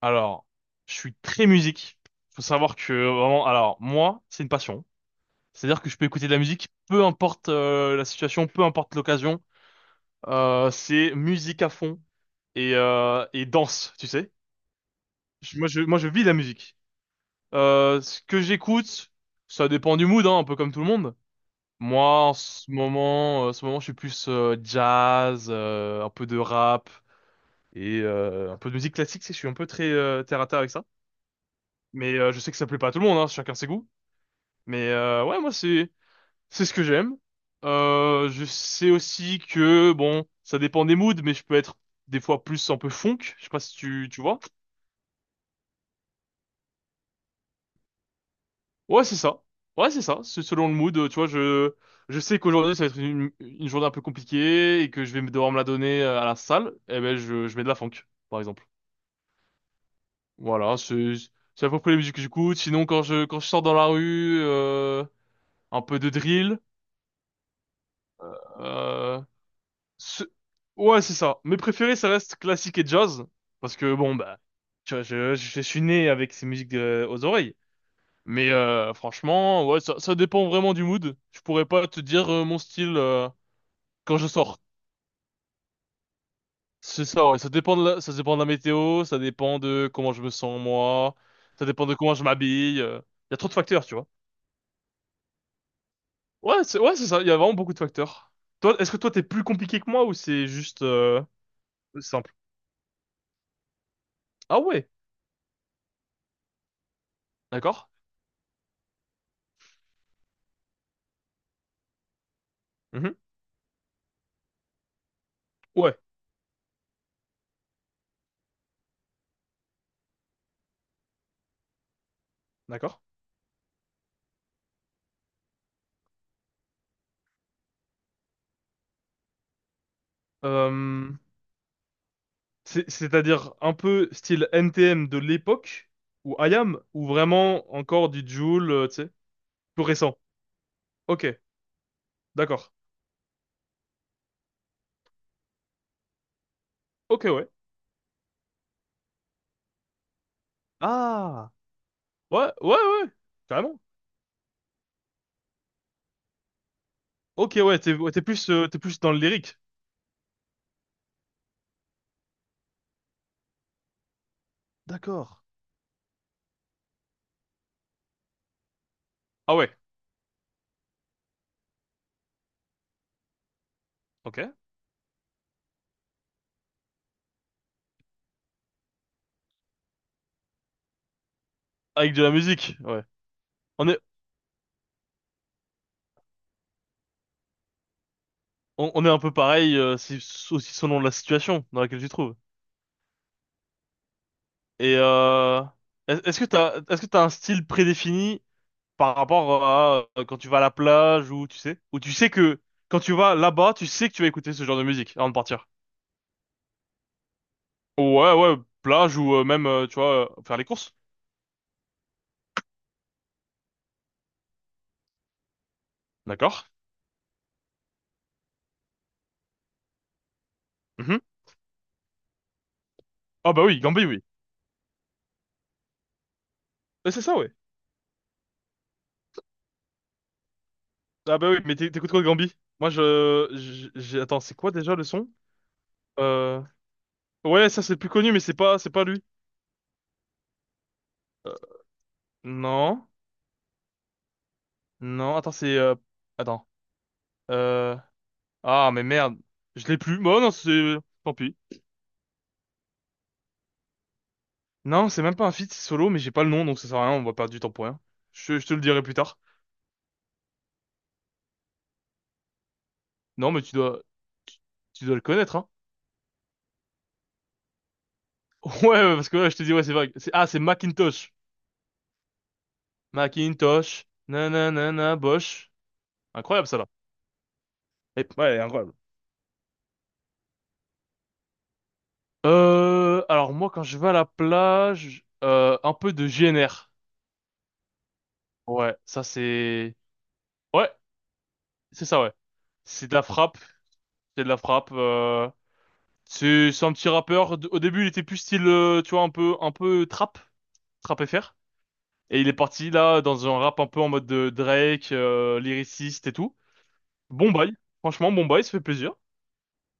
Alors, je suis très musique. Faut savoir que vraiment, alors moi, c'est une passion. C'est-à-dire que je peux écouter de la musique, peu importe la situation, peu importe l'occasion. C'est musique à fond et danse, tu sais. Moi, je vis la musique. Ce que j'écoute, ça dépend du mood, hein, un peu comme tout le monde. Moi, en ce moment, je suis plus jazz, un peu de rap et un peu de musique classique. Je suis un peu très terre à terre avec ça. Mais je sais que ça plaît pas à tout le monde, hein, chacun ses goûts. Mais ouais, moi c'est ce que j'aime. Je sais aussi que bon, ça dépend des moods, mais je peux être des fois plus un peu funk. Je sais pas si tu vois. Ouais, c'est ça. Ouais, c'est ça. C'est selon le mood. Tu vois, je sais qu'aujourd'hui ça va être une journée un peu compliquée et que je vais devoir me la donner à la salle. Eh ben, je mets de la funk, par exemple. Voilà, c'est à peu près les musiques que j'écoute. Sinon, quand je sors dans la rue, un peu de drill. Euh, Ce- Ouais, c'est ça. Mes préférés, ça reste classique et jazz. Parce que, bon, bah, tu vois, je suis né avec ces musiques aux oreilles. Mais franchement, ouais, ça dépend vraiment du mood. Je pourrais pas te dire mon style quand je sors. C'est ça, ouais. Ça dépend de la météo, ça dépend de comment je me sens moi, ça dépend de comment je m'habille. Il y a trop de facteurs, tu vois. Ouais, c'est ça. Il y a vraiment beaucoup de facteurs. Toi, est-ce que toi, t'es plus compliqué que moi ou c'est juste simple? Ah ouais, d'accord. Mhm. Ouais, d'accord. Euh, C'est-à-dire un peu style NTM de l'époque, ou IAM, ou vraiment encore du Joule, tu sais, plus récent. Ok, d'accord. Ok, ouais. Ah, ouais, ouais, ouais, carrément. Ok, ouais, t'es ouais, t'es plus dans le lyrique. D'accord. Ah ouais, ok. Avec de la musique, ouais. On est, on est un peu pareil, c'est aussi selon la situation dans laquelle tu te trouves. Et est-ce que t'as, un style prédéfini par rapport à quand tu vas à la plage ou tu sais que quand tu vas là-bas, tu sais que tu vas écouter ce genre de musique avant de partir. Ouais, ouais, plage ou même, tu vois, faire les courses. D'accord. Mhm. Ah bah oui, Gambi, oui. C'est ça, ouais. Ah bah oui, mais t'écoutes quoi de Gambi? Moi, j'ai, attends, c'est quoi déjà le son? Euh, ouais, ça c'est le plus connu, mais c'est pas lui. Euh, non, non, attends, attends, euh, ah mais merde, je l'ai plus. Bon, non, tant pis. Non, c'est même pas un feat, c'est solo, mais j'ai pas le nom, donc ça sert à rien, on va perdre du temps pour rien. Je te le dirai plus tard. Non, mais tu dois le connaître, hein. Ouais, ouais, parce que ouais, je te dis, ouais, c'est vague. C'est Macintosh. Macintosh. Nanana, Bosch. Incroyable, ça, là. Ouais, incroyable. Alors moi, quand je vais à la plage, un peu de GNR. Ouais, ça c'est. Ouais, c'est ça, ouais. C'est de la frappe, c'est de la frappe. C'est un petit rappeur. Au début, il était plus style, tu vois, un peu trap, FR. Et il est parti là dans un rap un peu en mode de Drake, lyriciste et tout. Bon bail, franchement bon bail, ça fait plaisir.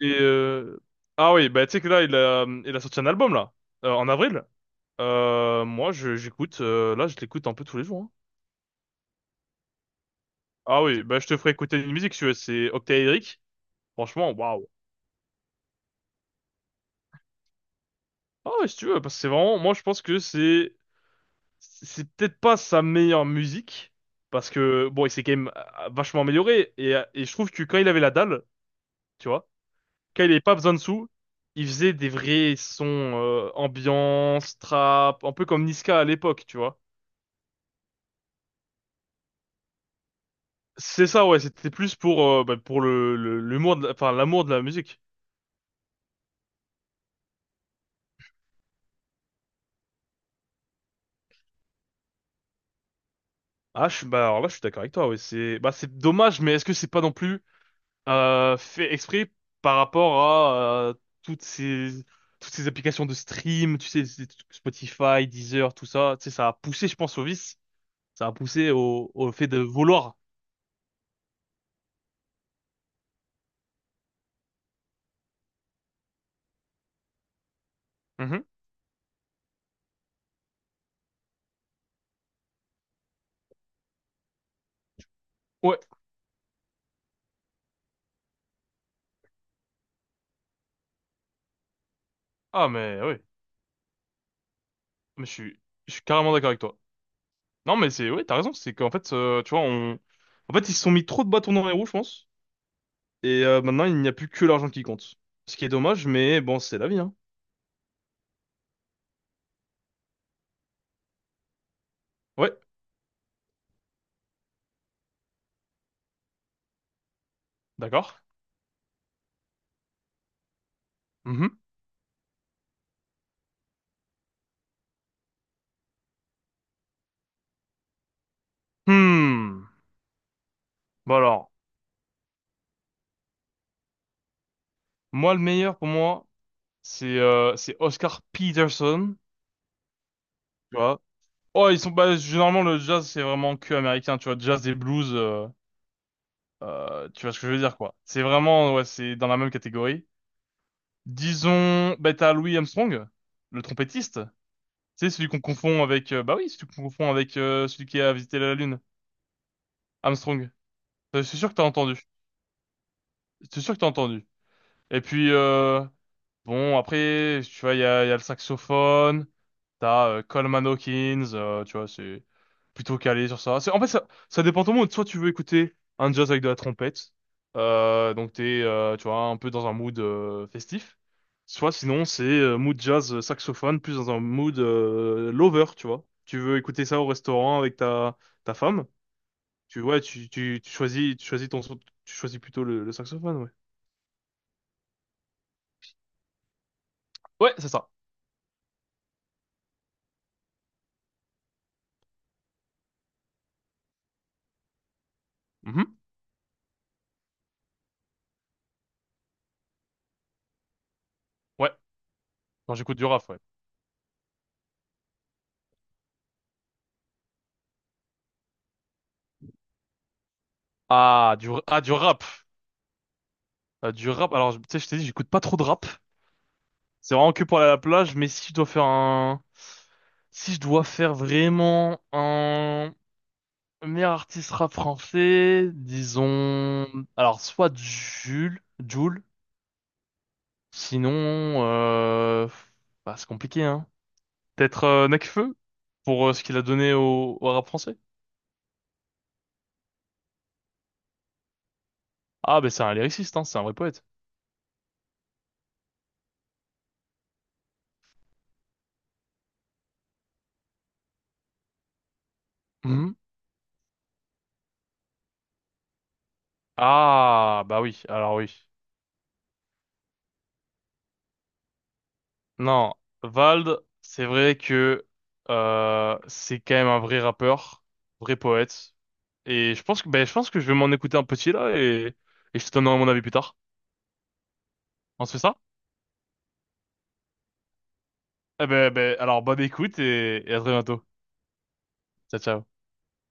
Et euh, ah oui, bah tu sais que là il a sorti un album là en avril. Moi je j'écoute là je l'écoute un peu tous les jours, hein. Ah oui, bah je te ferai écouter une musique si tu veux, c'est Octaédrique. Franchement waouh. Ah ouais, si tu veux parce que c'est vraiment moi je pense que c'est peut-être pas sa meilleure musique parce que bon il s'est quand même vachement amélioré et je trouve que quand il avait la dalle, tu vois quand il n'y avait pas besoin de sous, il faisait des vrais sons ambiance, trap, un peu comme Niska à l'époque, tu vois. C'est ça, ouais, c'était plus pour l'humour enfin, l'amour de la musique. Ah, bah, alors là, je suis d'accord avec toi, ouais, bah, c'est dommage, mais est-ce que c'est pas non plus, fait exprès par rapport à, euh, toutes ces, toutes ces applications de stream, tu sais, Spotify, Deezer, tout ça, tu sais, ça a poussé, je pense, au vice, ça a poussé au fait de vouloir. Mhm. Ouais. Ah, mais oui. Mais je suis carrément d'accord avec toi. Non, mais ouais, t'as raison, c'est qu'en fait, tu vois, en fait, ils se sont mis trop de bâtons dans les roues, je pense. Et maintenant, il n'y a plus que l'argent qui compte. Ce qui est dommage, mais bon, c'est la vie, hein. Ouais, d'accord. Mhm. Hmm. Bon alors, moi, le meilleur pour moi, c'est Oscar Peterson, tu vois. Oh, ils sont pas, généralement, le jazz, c'est vraiment que américain, tu vois, jazz et blues, tu vois ce que je veux dire, quoi. C'est vraiment, ouais, c'est dans la même catégorie. Disons, bah t'as Louis Armstrong, le trompettiste. C'est celui qu'on confond avec, bah oui, celui qu'on confond avec celui qui a visité la Lune, Armstrong. Je suis sûr que t'as entendu. Je suis sûr que t'as entendu. Et puis, bon, après, tu vois, il y a le saxophone. T'as Coleman Hawkins, tu vois, c'est plutôt calé sur ça. En fait, ça dépend ton mood. Soit tu veux écouter un jazz avec de la trompette, donc t'es, tu vois, un peu dans un mood festif. Soit sinon, c'est mood jazz, saxophone, plus dans un mood lover, tu vois. Tu veux écouter ça au restaurant avec ta femme, tu vois, tu choisis, tu choisis plutôt le saxophone, ouais. Ouais, c'est ça. Mhm. Ouais, quand j'écoute du rap, ouais. Ah, du rap. Ah, du rap, alors, tu sais, je t'ai dit, j'écoute pas trop de rap. C'est vraiment que pour aller à la plage, mais si je dois faire un. Si je dois faire vraiment un meilleur artiste rap français, disons. Alors, soit Jules, Jules sinon. Bah, c'est compliqué, hein. Peut-être Nekfeu, pour ce qu'il a donné au rap français. Ah, ben c'est un lyriciste, hein, c'est un vrai poète. Mhm. Ah, bah oui, alors oui. Non, Vald, c'est vrai que c'est quand même un vrai rappeur, vrai poète. Et je pense que je vais m'en écouter un petit là et je te donnerai mon avis plus tard. On se fait ça? Eh ben alors bonne écoute et à très bientôt. Ciao ciao.